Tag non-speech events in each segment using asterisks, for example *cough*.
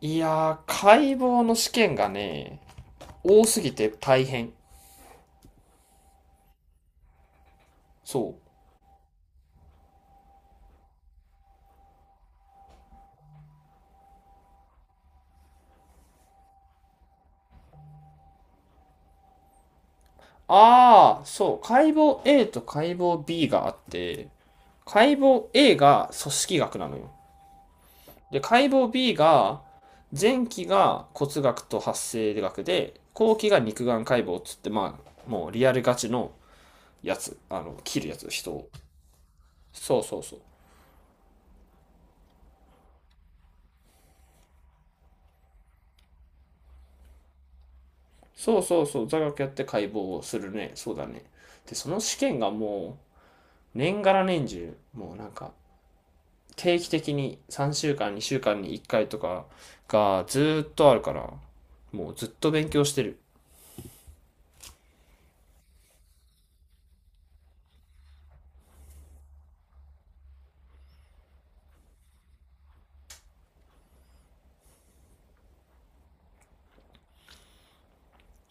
いやー、解剖の試験がね、多すぎて大変。そう。ああ、そう。解剖 A と解剖 B があって、解剖 A が組織学なのよ。で、解剖 B が、前期が骨学と発生学で、後期が肉眼解剖っつって、まあ、もうリアルガチのやつ。あの、切るやつ、人を。そうそうそう。そうそうそう、座学やって解剖をするね。そうだね。で、その試験がもう、年がら年中、もうなんか、定期的に3週間、2週間に1回とかがずっとあるから、もうずっと勉強してる。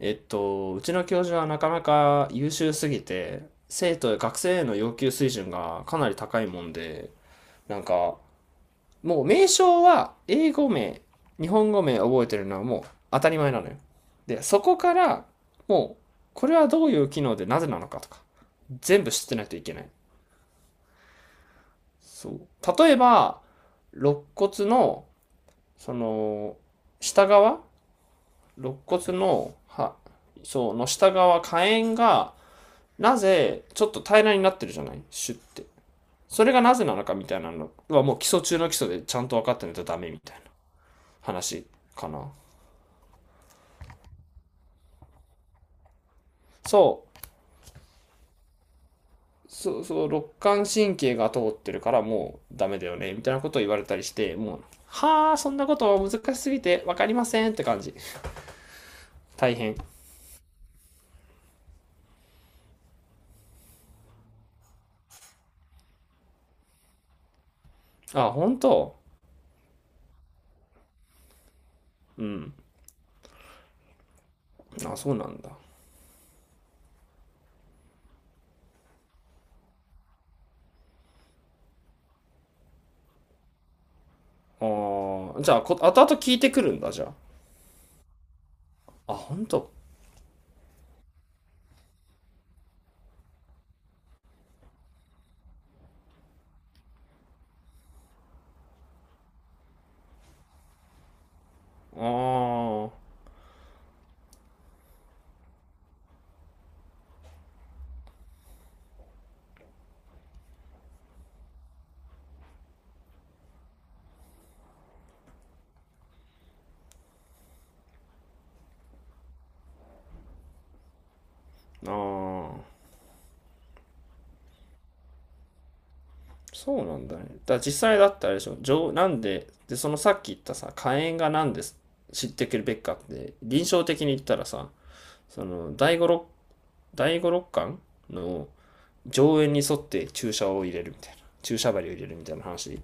うちの教授はなかなか優秀すぎて、学生への要求水準がかなり高いもんで、なんか、もう名称は英語名、日本語名覚えてるのはもう当たり前なのよ。で、そこから、もう、これはどういう機能でなぜなのかとか、全部知ってないといけない。そう。例えば、肋骨の、その、下側、肋骨の、は、そう、の下側、下縁が、なぜ、ちょっと平らになってるじゃないシュって。それがなぜなのかみたいなのは、もう基礎中の基礎でちゃんと分かってないとダメみたいな話かな。そう。そうそう、肋間神経が通ってるからもうダメだよね、みたいなことを言われたりして、もう、はあ、そんなことは難しすぎて分かりませんって感じ。大変。あ、本当。うん。あ、そうなんだ。ああ、じゃあ、後々聞いてくるんだ、じゃあ。あ、ほんと。ああ、ああ、そうなんだね。だから実際だったらあれでしょ、上、なんで、で、そのさっき言ったさ、火炎がなんで知ってくるべきかって、臨床的に言ったらさ、その、第五六巻の上縁に沿って注射を入れるみたいな、注射針を入れるみたいな話、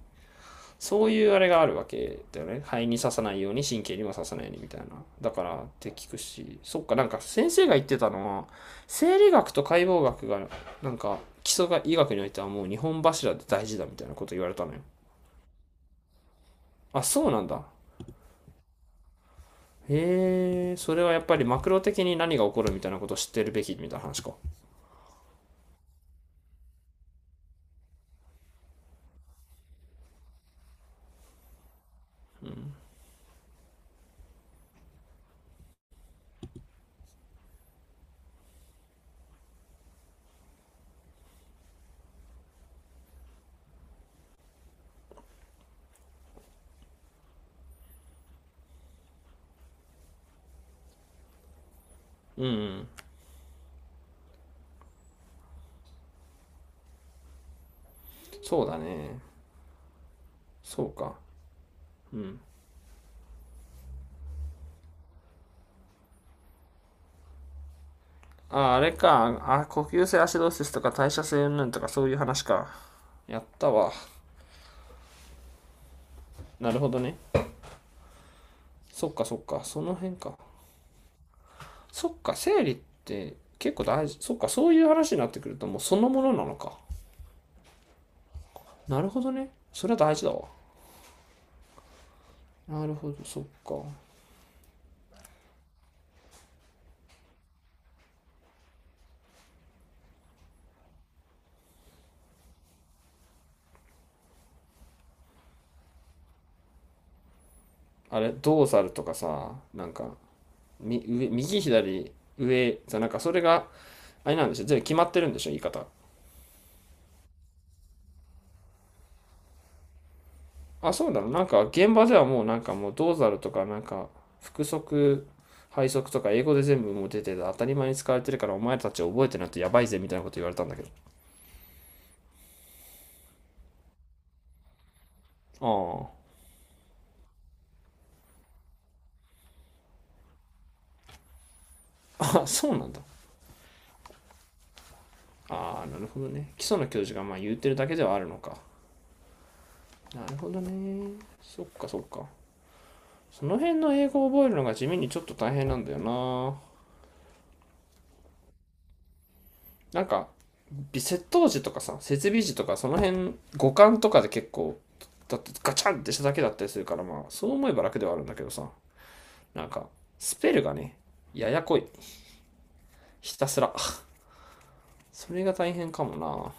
そういうあれがあるわけだよね。肺に刺さないように、神経にも刺さないようにみたいな。だからって聞くし、そっか、なんか先生が言ってたのは、生理学と解剖学が、なんか基礎が医学においてはもう日本柱で大事だみたいなこと言われたのよ。あ、そうなんだ。へえ、それはやっぱりマクロ的に何が起こるみたいなことを知ってるべきみたいな話か。うん、うん、そうだね。そうか。うん。あ、あれか。あ、呼吸性アシドーシスとか代謝性云々とかそういう話か。やったわ。なるほどね。そっかそっか、その辺か。そっか、生理って結構大事。そっか、そういう話になってくるともうそのものなのか。なるほどね。それは大事だわ。なるほど、そっか。あれ、ドーサルとかさ、なんか、み上右左上さ、なんかそれが、あれなんでしょ、全部決まってるんでしょ、言い方。あ、そうだろ、なんか現場ではもうなんかもうドーサルとかなんか、複足、配足とか英語で全部もう出てて当たり前に使われてるからお前たち覚えてないとやばいぜみたいなこと言われたんだけど。ああ、*laughs* あ、そうなんだ。ああ、なるほどね。基礎の教授がまあ言ってるだけではあるのか。なるほどね。そっかそっか。その辺の英語を覚えるのが地味にちょっと大変なんだよな。なんか、微窃盗時とかさ、設備時とか、その辺、五感とかで結構、だってガチャンってしただけだったりするから、まあ、そう思えば楽ではあるんだけどさ、なんか、スペルがね、ややこい。ひたすら。それが大変かもな。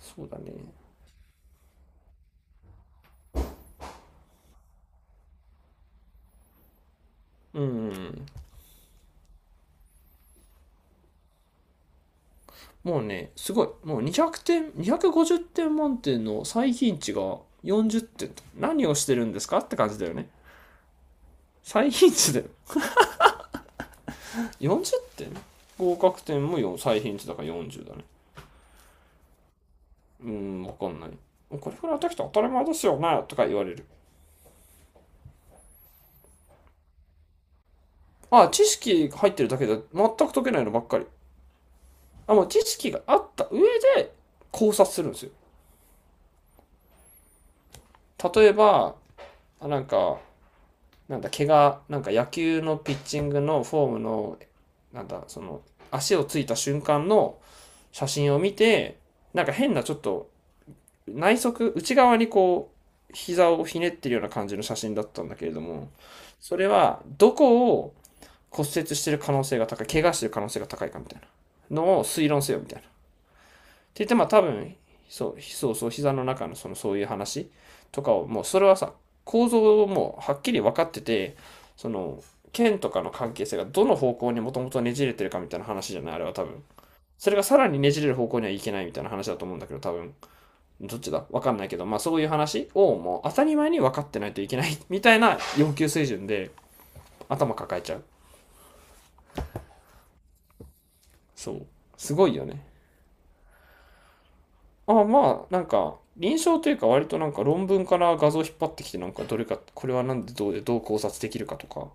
そうだね。うん。もうね、すごい。もう200点、250点満点の最貧値が40点と。何をしてるんですかって感じだよね。最貧値だよ。40点、合格点も4最貧値だから40だね。うーん、わかんない。これくらいできたら当たり前ですよねとか言われる。ああ、知識入ってるだけで全く解けないのばっかり。あ、もう知識があった上で考察するんですよ。例えば、あなんか、なんだ、怪我、なんか野球のピッチングのフォームのなんだ、その、足をついた瞬間の写真を見て、なんか変なちょっと内側にこう、膝をひねってるような感じの写真だったんだけれども、それはどこを骨折してる可能性が高い、怪我してる可能性が高いかみたいなのを推論せよみたいな。って言って、まあ多分、そう、膝の中のそのそういう話とかを、もうそれはさ、構造をもうはっきり分かってて、その、剣とかの関係性がどの方向にもともとねじれてるかみたいな話じゃないあれは多分。それがさらにねじれる方向にはいけないみたいな話だと思うんだけど、多分。どっちだわかんないけど、まあそういう話をもう当たり前に分かってないといけないみたいな要求水準で頭抱えちゃう。そう。すごいよね。ああまあ、なんか、臨床というか割となんか論文から画像引っ張ってきてなんかどれか、これはなんでどうでどう考察できるかとか、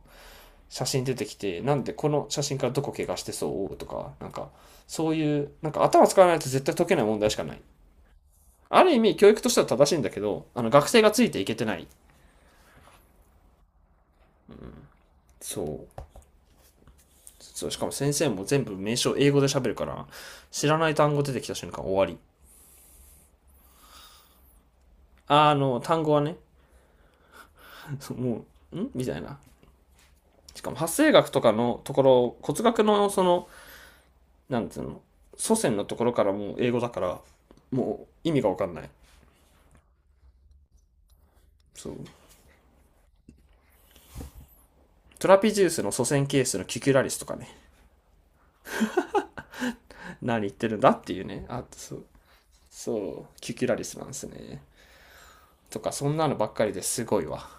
写真出てきて、なんでこの写真からどこ怪我してそうとか、なんか、そういう、なんか頭使わないと絶対解けない問題しかない。ある意味教育としては正しいんだけど、あの学生がついていけてない。そうそう、しかも先生も全部名称英語で喋るから、知らない単語出てきた瞬間終わり。あの単語はね。 *laughs* もうんみたいな。しかも発生学とかのところ、骨学のそのなんていうの、祖先のところからもう英語だから、もう意味が分かんない。そうトラピジウスの祖先ケースのキュキュラリスとかね。 *laughs* 何言ってるんだっていうね。あそう、そうキュキュラリスなんですねとかそんなのばっかりですごいわ。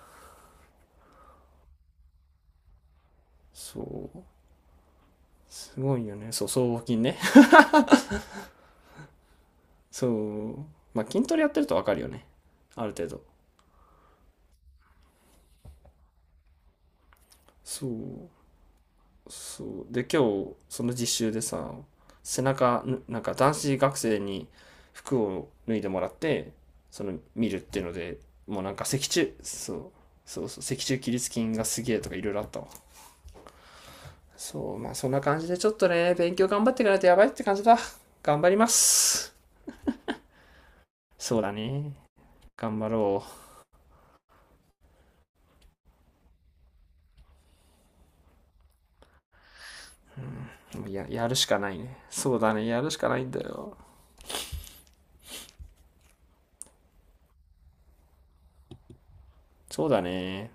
そうすごいよね。そう僧帽筋ね。そうまあ筋トレやってると分かるよね、ある程度。そうそう、で今日その実習でさ、背中なんか男子学生に服を脱いでもらってその見るっていうので、もうなんか脊柱、そうそうそう、脊柱起立筋がすげえとかいろいろあったわ。そうまあそんな感じでちょっとね、勉強頑張っていかないとやばいって感じだ。頑張ります。そうだね、頑張ろう。うや、やるしかないね。そうだね、やるしかないんだよ。そうだね。